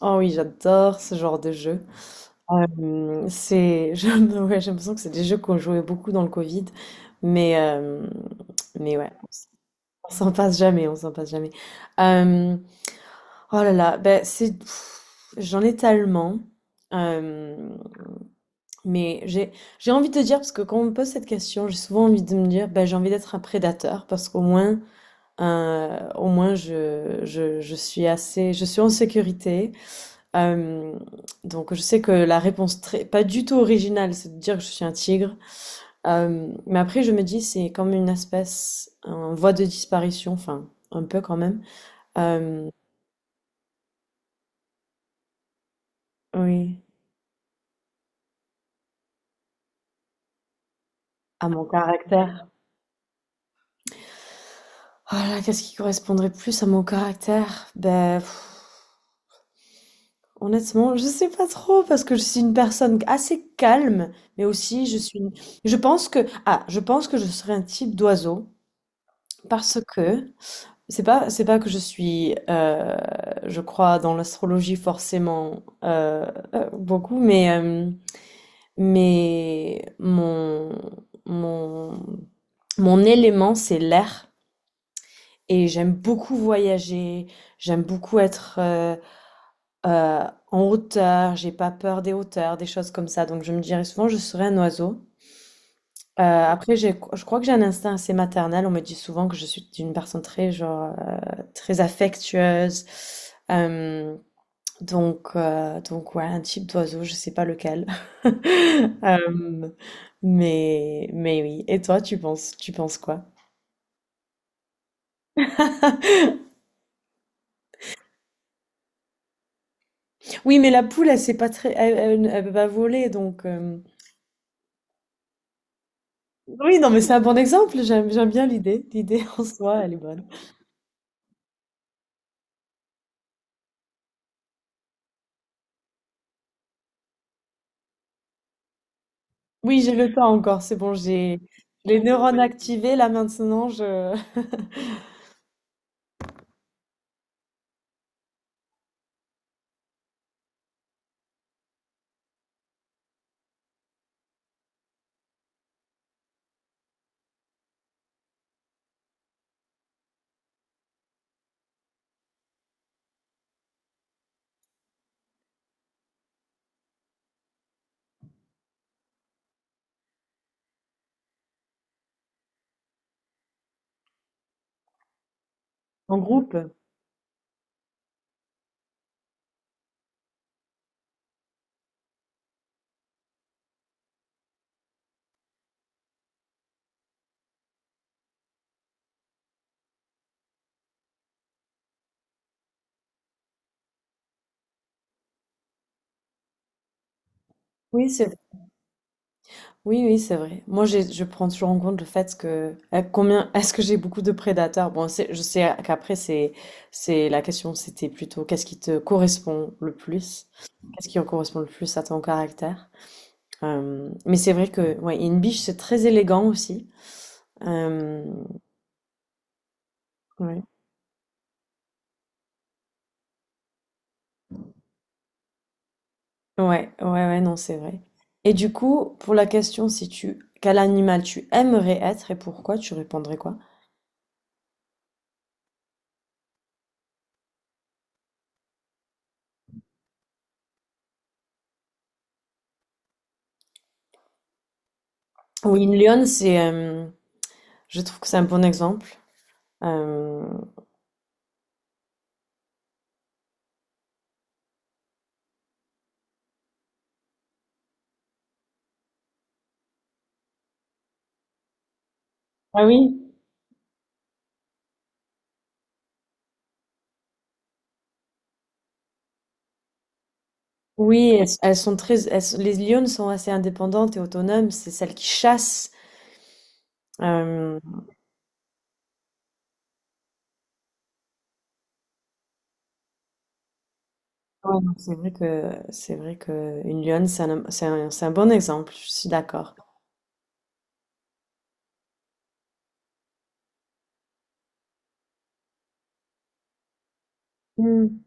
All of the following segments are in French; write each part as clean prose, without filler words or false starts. Oh oui, j'adore ce genre de jeu. Euh, c'est, je- ouais, j'ai l'impression que c'est des jeux qu'on jouait beaucoup dans le Covid, mais, euh, mais ouais, on s'en passe jamais, on s'en passe jamais. Euh, oh là là, ben c'est, pff, j'en ai tellement, euh, mais j'ai, j'ai envie de te dire, parce que quand on me pose cette question, j'ai souvent envie de me dire, ben j'ai envie d'être un prédateur, parce qu'au moins, au moins je suis assez, je suis en sécurité. Euh, donc je sais que la réponse très, pas du tout originale, c'est de dire que je suis un tigre. Mais après je me dis c'est comme une espèce en voie de disparition, enfin un peu quand même. Euh, oui, à mon caractère. Oh là, qu'est-ce qui correspondrait plus à mon caractère? Ben pff, honnêtement, je sais pas trop parce que je suis une personne assez calme, mais aussi je suis, une- je pense que je serais un type d'oiseau parce que C'est pas que je crois dans l'astrologie forcément beaucoup, mais mon mon élément c'est l'air et j'aime beaucoup voyager, j'aime beaucoup être euh, en hauteur, j'ai pas peur des hauteurs, des choses comme ça. Donc je me dirais souvent je serais un oiseau. Après, je crois que j'ai un instinct assez maternel. On me dit souvent que je suis une personne très, genre, très affectueuse. Euh, donc, ouais, un type d'oiseau, je sais pas lequel. Euh, mais oui. Et toi, tu penses quoi? Oui, mais la poule, elle sait pas elle peut pas voler, donc. Oui, non, mais c'est un bon exemple. J'aime bien l'idée. L'idée en soi, elle est bonne. Oui, j'ai le temps encore. C'est bon, j'ai les neurones activés. Là maintenant, je En groupe? Oui, c'est oui, oui, c'est vrai. Moi, je prends toujours en compte le fait que à combien est-ce que j'ai beaucoup de prédateurs? Bon, je sais qu'après c'est la question, c'était plutôt qu'est-ce qui te correspond le plus? Qu'est-ce qui correspond le plus à ton caractère? Mais c'est vrai que ouais, une biche c'est très élégant aussi. Euh, ouais. Ouais, ouais, ouais, non, c'est vrai. Et du coup, pour la question si tu quel animal tu aimerais être et pourquoi, tu répondrais quoi? Oui, une lionne, c'est Je trouve que c'est un bon exemple. Euh, Ah oui? Oui, elles, elles sont très, elles sont- les lionnes sont assez indépendantes et autonomes. C'est celles qui chassent. Euh, Ouais. Donc c'est vrai que une lionne, c'est un bon exemple. Je suis d'accord. Oui,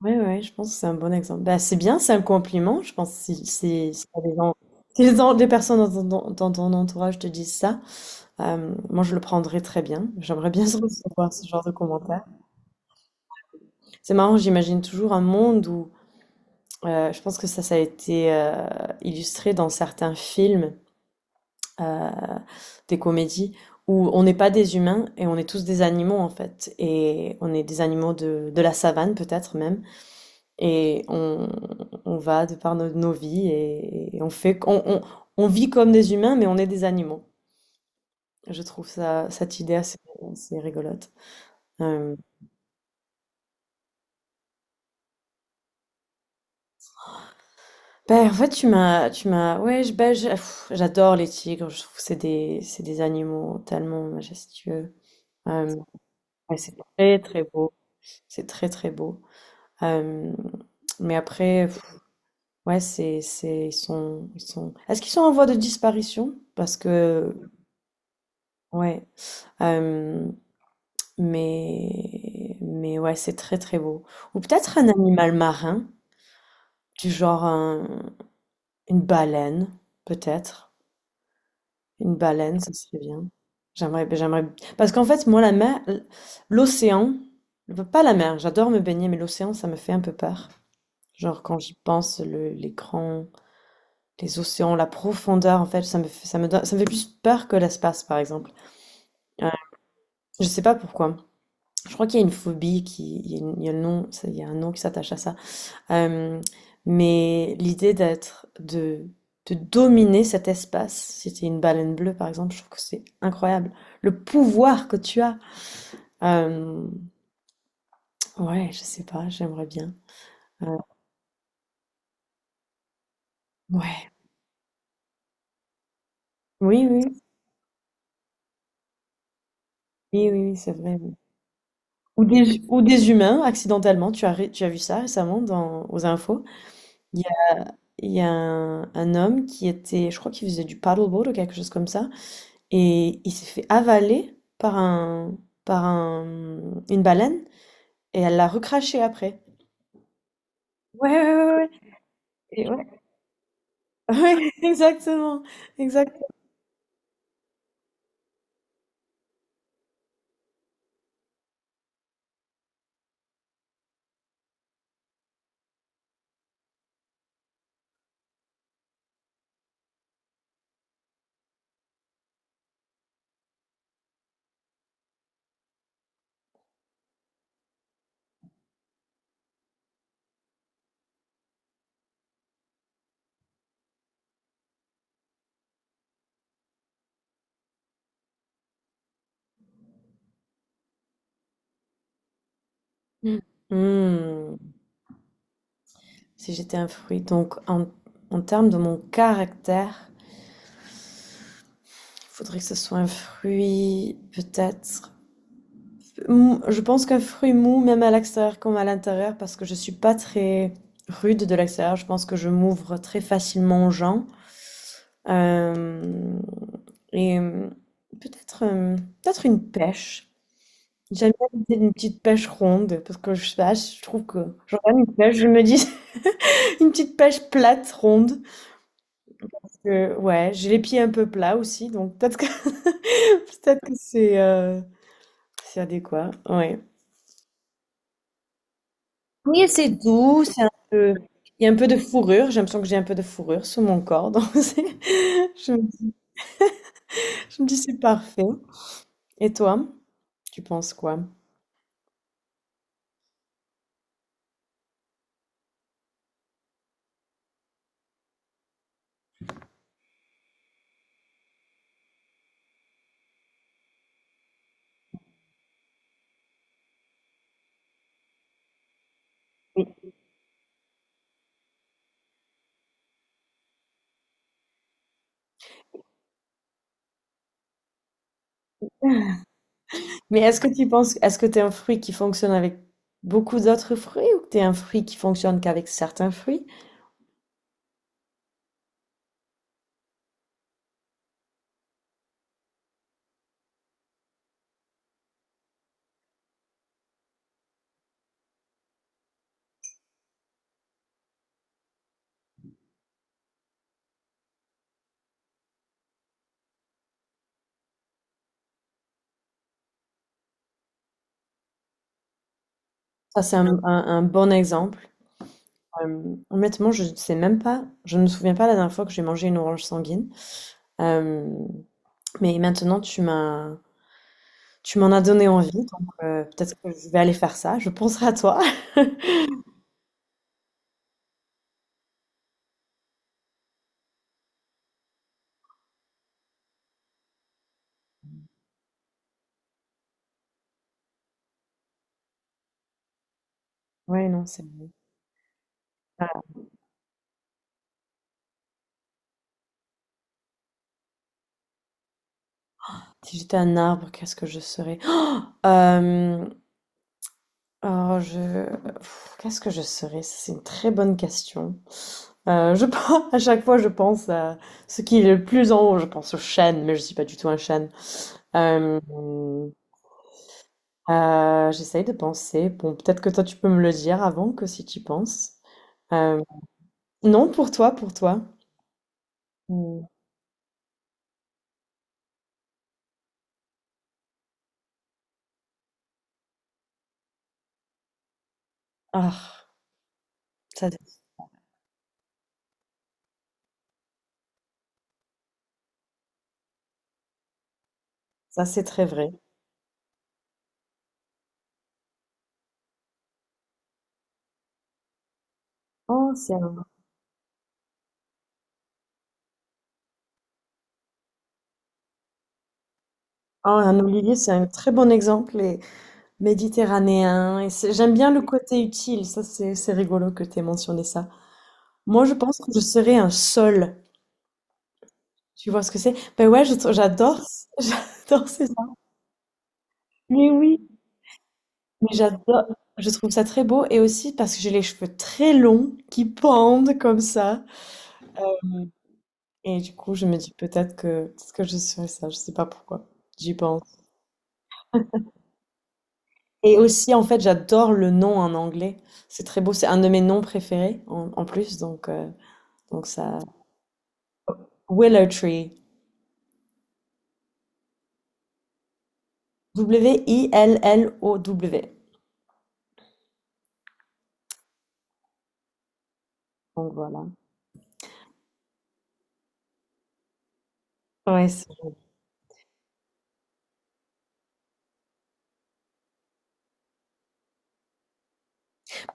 Ouais, ouais, je pense que c'est un bon exemple. Bah, c'est bien, c'est un compliment. Je pense que si t'as des gens- si les gens- des personnes dans ton entourage te disent ça, moi je le prendrais très bien. J'aimerais bien recevoir ce genre de commentaires. C'est marrant, j'imagine toujours un monde où je pense que ça a été, illustré dans certains films, heu, des comédies où on n'est pas des humains et on est tous des animaux, en fait, et on est des animaux de la savane, peut-être même, et on va de par nos nos vies et on fait on vit comme des humains, mais on est des animaux. Je trouve ça cette idée assez rigolote. Hem, bah, en fait, tu m'as ouais, je bah, je pff, j'adore les tigres, je trouve que c'est des animaux tellement majestueux. Euh, Ouais, c'est très très beau. C'est très très beau. Euh, mais après, pff, ouais, ils sont, ils sont. Est-ce qu'ils sont en voie de disparition? Parce que, ouais. Euh, mais ouais, c'est très très beau. Ou peut-être un animal marin, du genre une baleine, peut-être. Une baleine, ça serait bien. J'aimerais. Parce qu'en fait, moi, la mer, l'océan, pas la mer. J'adore me baigner, mais l'océan, ça me fait un peu peur. Genre quand j'y pense, l'écran, les océans, la profondeur, en fait, ça me fait plus peur que l'espace, par exemple. Euh, je sais pas pourquoi. Je crois qu'il y a une phobie qui, il y a, une- il y a un nom qui s'attache à ça. Euh, mais l'idée de dominer cet espace, si t'es une baleine bleue, par exemple, je trouve que c'est incroyable. Le pouvoir que tu as. Euh, ouais, je sais pas, j'aimerais bien. Euh, ouais. Oui, oui, oui, oui, oui, c'est vrai. Oui. Ou des humains, accidentellement, tu as vu ça récemment aux infos. Il y a, il y a un homme qui était, je crois qu'il faisait du paddleboard ou quelque chose comme ça, et il s'est fait avaler par un, une baleine, et elle l'a recraché après. Ouais, ouais, ouais, ouais. Et ouais. Ouais, exactement, exact. Mm. Mm. Si j'étais un fruit, donc en termes de mon caractère, il faudrait que ce soit un fruit, peut-être. Je pense qu'un fruit mou, même à l'extérieur comme à l'intérieur, parce que je suis pas très rude de l'extérieur, je pense que je m'ouvre très facilement aux gens. Euh, et euh, peut-être peut-être une pêche. J'aime bien l'idée d'une petite pêche ronde, parce que je sais pas, je trouve que je regarde une pêche, je me dis une petite pêche plate, ronde. Ouais, j'ai les pieds un peu plats aussi, donc peut-être que peut-être que c'est adéquat. Ouais. de- il y a un peu de fourrure. J'ai l'impression que j'ai un peu de fourrure sous mon corps. Donc je me, dis, je me dis, c'est parfait. Et toi, tu penses quoi? Mais est-ce que tu es un fruit qui fonctionne avec beaucoup d'autres fruits ou que tu es un fruit qui fonctionne qu'avec certains fruits? Ça, c'est un bon exemple. Honnêtement, je ne sais même pas, je ne me souviens pas la dernière fois que j'ai mangé une orange sanguine. Euh, mais maintenant, tu m'en as donné envie, donc peut-être que je vais aller faire ça. Je penserai à toi. Ouais, non, c'est bon. Si j'étais un arbre, qu'est-ce que je serais? Oh, euh, oh, pff, qu'est-ce que je serais? Ça, c'est une très bonne question. Je pense, à chaque fois, je pense à ce qui est le plus en haut. Je pense au chêne, mais je suis pas du tout un chêne. Euh, J'essaye de penser. Bon, peut-être que toi, tu peux me le dire avant que si tu y penses. Euh, non, pour toi, pour toi. Hmm. Ah, ça Ça, c'est très vrai. Oh, oh, un olivier, c'est un très bon exemple et méditerranéen. Et j'aime bien le côté utile. Ça, c'est rigolo que tu aies mentionné ça. Moi, je pense que je serais un sol. Tu vois ce que c'est? Ben ouais, j'adore, j'adore ces gens. Mais oui, mais j'adore. Je trouve ça très beau et aussi parce que j'ai les cheveux très longs qui pendent comme ça. Et du coup, je me dis peut-être que je serais ça. Je sais pas pourquoi. J'y pense. Et aussi, en fait, j'adore le nom en anglais. C'est très beau. C'est un de mes noms préférés en plus. Donc ça. Willow Tree. Willow. Donc voilà. Ouais,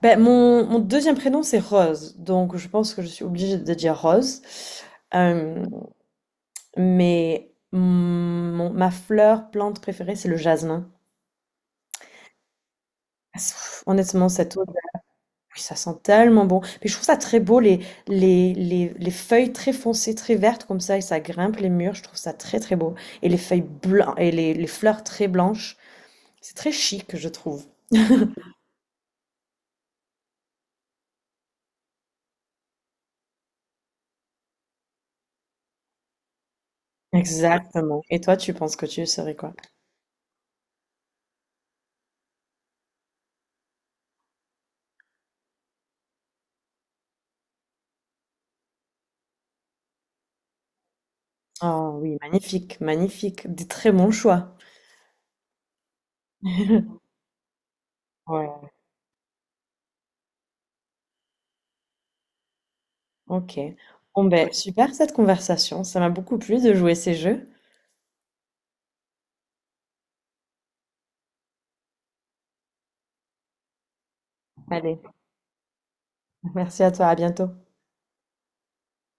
ben, mon deuxième prénom, c'est Rose. Donc je pense que je suis obligée de dire Rose. Euh, mais ma fleur, plante préférée, c'est le jasmin. Honnêtement, cette Oui, ça sent tellement bon. Puis je trouve ça très beau, les feuilles très foncées, très vertes comme ça, et ça grimpe les murs. Je trouve ça très très beau. Et les feuilles blanches, et les fleurs très blanches. C'est très chic, je trouve. Exactement. Et toi, tu penses que tu serais quoi? Oh oui, magnifique, magnifique. Des très bons choix. Ouais, ok. Bon ben, super cette conversation. Ça m'a beaucoup plu de jouer ces jeux. Allez, merci à toi, à bientôt.